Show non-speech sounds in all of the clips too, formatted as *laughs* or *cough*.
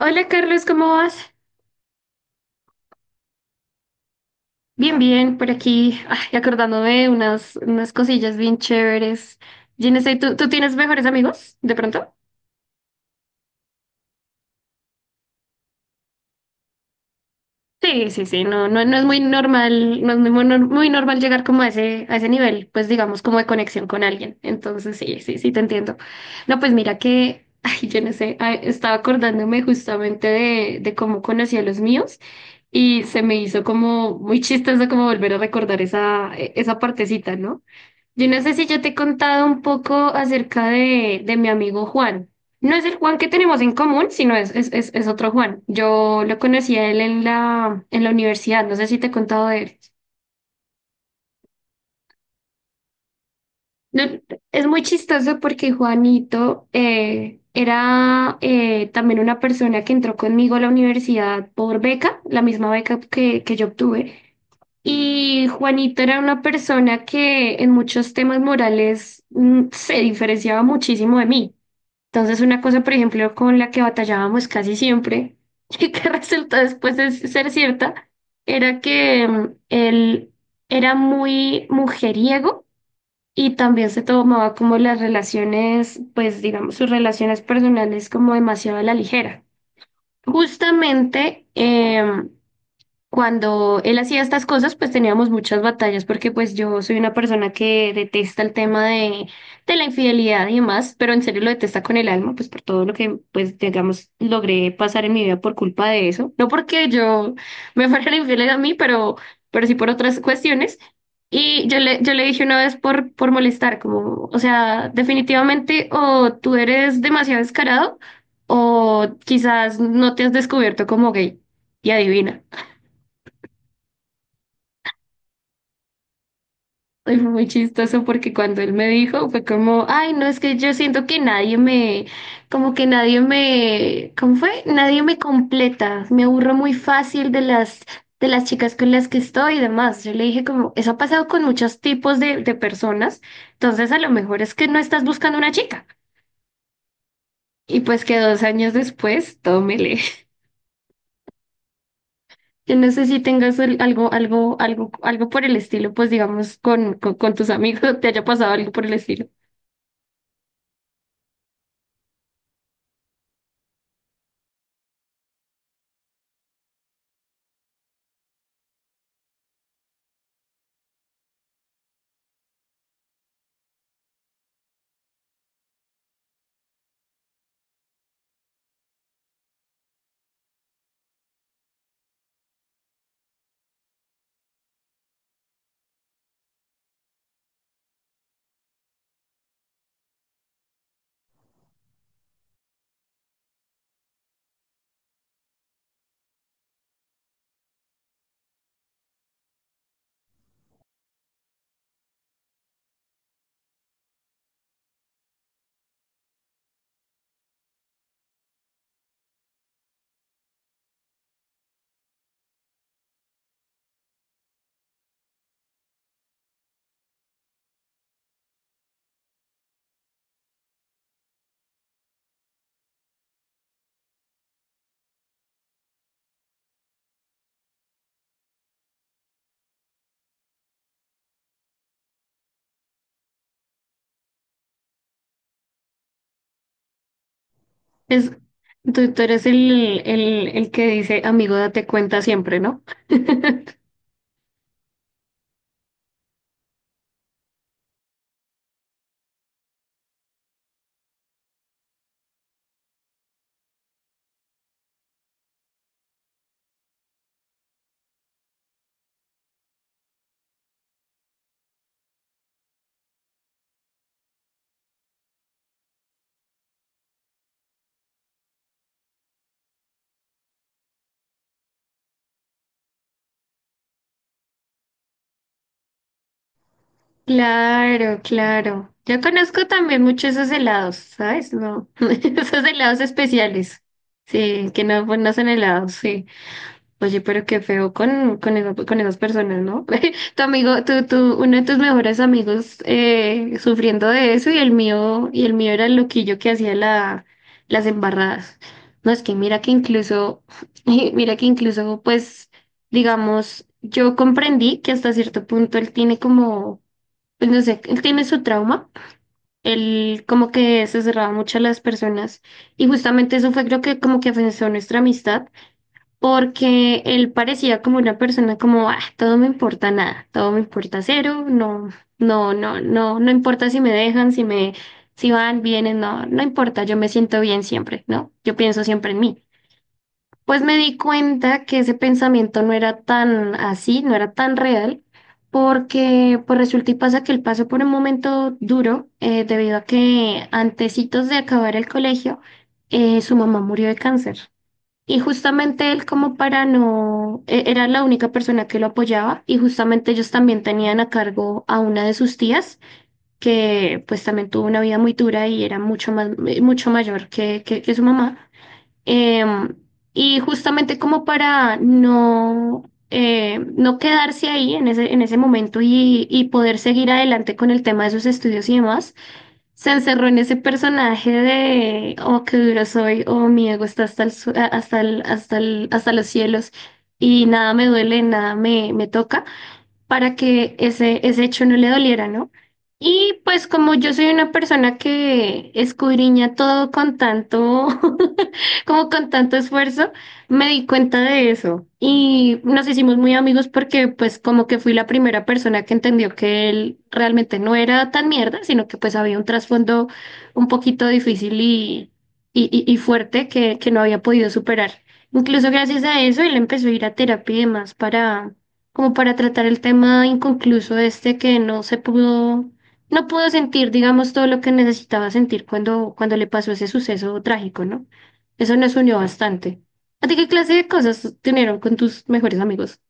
Hola Carlos, ¿cómo vas? Bien, bien, por aquí, ay, acordándome de unas cosillas bien chéveres. Yo no sé, ¿tú tienes mejores amigos de pronto? Sí, sí, sí, no, no, no es muy normal, no es muy normal llegar como a ese nivel, pues digamos, como de conexión con alguien. Entonces, sí, sí, sí, te entiendo. No, pues mira que, *laughs* ay, yo no sé, ay, estaba acordándome justamente de cómo conocí a los míos y se me hizo como muy chistoso como volver a recordar esa partecita, ¿no? Yo no sé si yo te he contado un poco acerca de mi amigo Juan. No es el Juan que tenemos en común, sino es otro Juan. Yo lo conocí a él en la universidad, no sé si te he contado de él. No, es muy chistoso porque Juanito era también una persona que entró conmigo a la universidad por beca, la misma beca que yo obtuve. Y Juanito era una persona que en muchos temas morales se diferenciaba muchísimo de mí. Entonces, una cosa, por ejemplo, con la que batallábamos casi siempre *laughs* y que resultó después de ser cierta, era que él era muy mujeriego y también se tomaba como las relaciones, pues digamos, sus relaciones personales como demasiado a la ligera. Justamente, cuando él hacía estas cosas, pues teníamos muchas batallas porque pues yo soy una persona que detesta el tema de la infidelidad y demás, pero en serio lo detesta con el alma, pues por todo lo que pues digamos logré pasar en mi vida por culpa de eso. No porque yo *laughs* me fuera infiel a mí, pero sí por otras cuestiones. Y yo le dije una vez por molestar, como, o sea, definitivamente o tú eres demasiado descarado o quizás no te has descubierto como gay. Y adivina. Y fue muy chistoso porque cuando él me dijo fue como, ay, no, es que yo siento que nadie me, como que nadie me, ¿cómo fue? Nadie me completa, me aburro muy fácil de las chicas con las que estoy y demás. Yo le dije como, eso ha pasado con muchos tipos de personas, entonces a lo mejor es que no estás buscando una chica. Y pues que 2 años después, tómele. *laughs* Yo no sé si tengas algo por el estilo, pues digamos, con tus amigos, *laughs* te haya pasado algo por el estilo. Es, tú eres el que dice, amigo, date cuenta siempre, ¿no? *laughs* Claro, claro. Yo conozco también mucho esos helados, ¿sabes? No, *laughs* esos helados especiales. Sí, que no, pues, no son helados, sí. Oye, pero qué feo con esas personas, ¿no? *laughs* Tu amigo, uno de tus mejores amigos sufriendo de eso y el mío era el loquillo que hacía las embarradas. No, es que mira que incluso, *laughs* mira que incluso, pues, digamos, yo comprendí que hasta cierto punto él tiene como, pues no sé, él tiene su trauma. Él como que se cerraba mucho a las personas y justamente eso fue creo que como que afectó nuestra amistad porque él parecía como una persona como, ah, todo me importa nada, todo me importa cero, no, no, no, no, no importa si me dejan, si van, vienen, no, no importa, yo me siento bien siempre, ¿no? Yo pienso siempre en mí. Pues me di cuenta que ese pensamiento no era tan así, no era tan real, porque pues resulta y pasa que él pasó por un momento duro, debido a que antecitos de acabar el colegio, su mamá murió de cáncer. Y justamente él como para no, era la única persona que lo apoyaba y justamente ellos también tenían a cargo a una de sus tías que pues también tuvo una vida muy dura y era mucho más, mucho mayor que su mamá. Em, y justamente como para no, no quedarse ahí en ese momento y poder seguir adelante con el tema de sus estudios y demás se encerró en ese personaje de, oh, qué duro soy, oh, mi ego está hasta el, su- a- hasta el- hasta el- hasta los cielos y nada me duele, nada me toca para que ese hecho no le doliera, ¿no? Y pues como yo soy una persona que escudriña todo con tanto, *laughs* como con tanto esfuerzo, me di cuenta de eso y nos hicimos muy amigos porque pues como que fui la primera persona que entendió que él realmente no era tan mierda, sino que pues había un trasfondo un poquito difícil y, y fuerte que no había podido superar. Incluso gracias a eso él empezó a ir a terapia y demás para como para tratar el tema inconcluso este que no se pudo, no pudo sentir, digamos, todo lo que necesitaba sentir cuando le pasó ese suceso trágico, ¿no? Eso nos unió bastante. ¿A ti qué clase de cosas tuvieron con tus mejores amigos?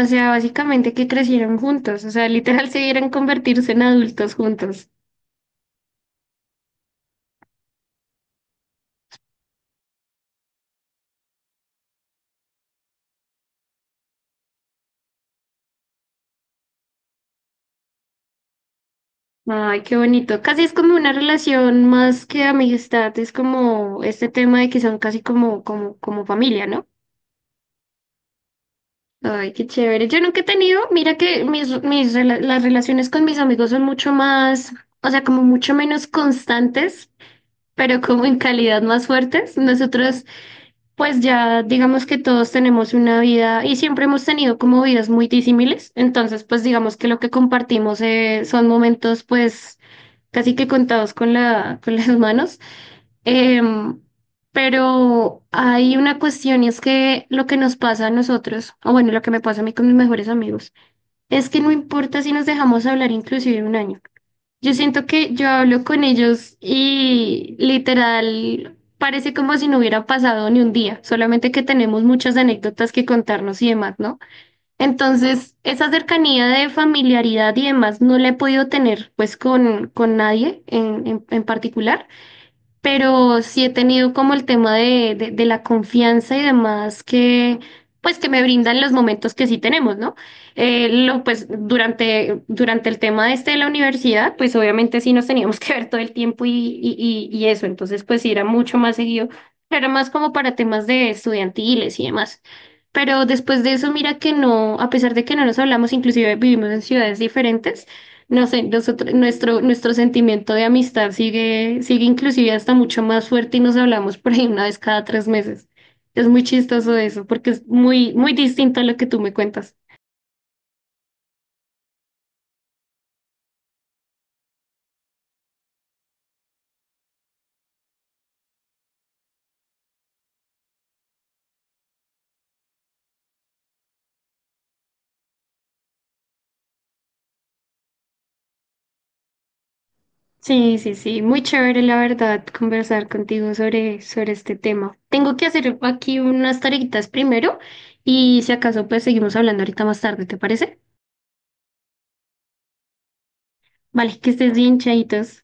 O sea, básicamente que crecieron juntos, o sea, literal se dieron convertirse en adultos juntos. Ay, qué bonito. Casi es como una relación más que amistad, es como este tema de que son casi como familia, ¿no? Ay, qué chévere. Yo nunca he tenido, mira que las relaciones con mis amigos son mucho más, o sea, como mucho menos constantes, pero como en calidad más fuertes. Nosotros, pues ya digamos que todos tenemos una vida y siempre hemos tenido como vidas muy disímiles. Entonces, pues digamos que lo que compartimos son momentos, pues casi que contados con las *laughs* manos. Em, pero hay una cuestión y es que lo que nos pasa a nosotros, o bueno, lo que me pasa a mí con mis mejores amigos, es que no importa si nos dejamos hablar inclusive un año. Yo siento que yo hablo con ellos y literal parece como si no hubiera pasado ni un día, solamente que tenemos muchas anécdotas que contarnos y demás, ¿no? Entonces, esa cercanía de familiaridad y demás no la he podido tener pues con nadie en particular, pero sí he tenido como el tema de la confianza y demás que, pues, que me brindan los momentos que sí tenemos, ¿no? Pues, durante el tema este de la universidad, pues, obviamente sí nos teníamos *laughs* que ver todo el tiempo y eso, entonces, pues, sí era mucho más seguido, era más como para temas de estudiantiles y demás. Pero después de eso, mira que no, a pesar de que no nos hablamos, inclusive vivimos en ciudades diferentes, no sé, nosotros, nuestro sentimiento de amistad sigue, sigue inclusive hasta mucho más fuerte y nos hablamos por ahí una vez cada 3 meses. Es muy chistoso eso, porque es muy, muy distinto a lo que tú me cuentas. Sí, sí, sí, muy chévere la verdad conversar contigo sobre este tema. Tengo que hacer aquí unas tareitas primero y si acaso pues seguimos hablando ahorita más tarde, ¿te parece? Vale, que estés bien, chaitos.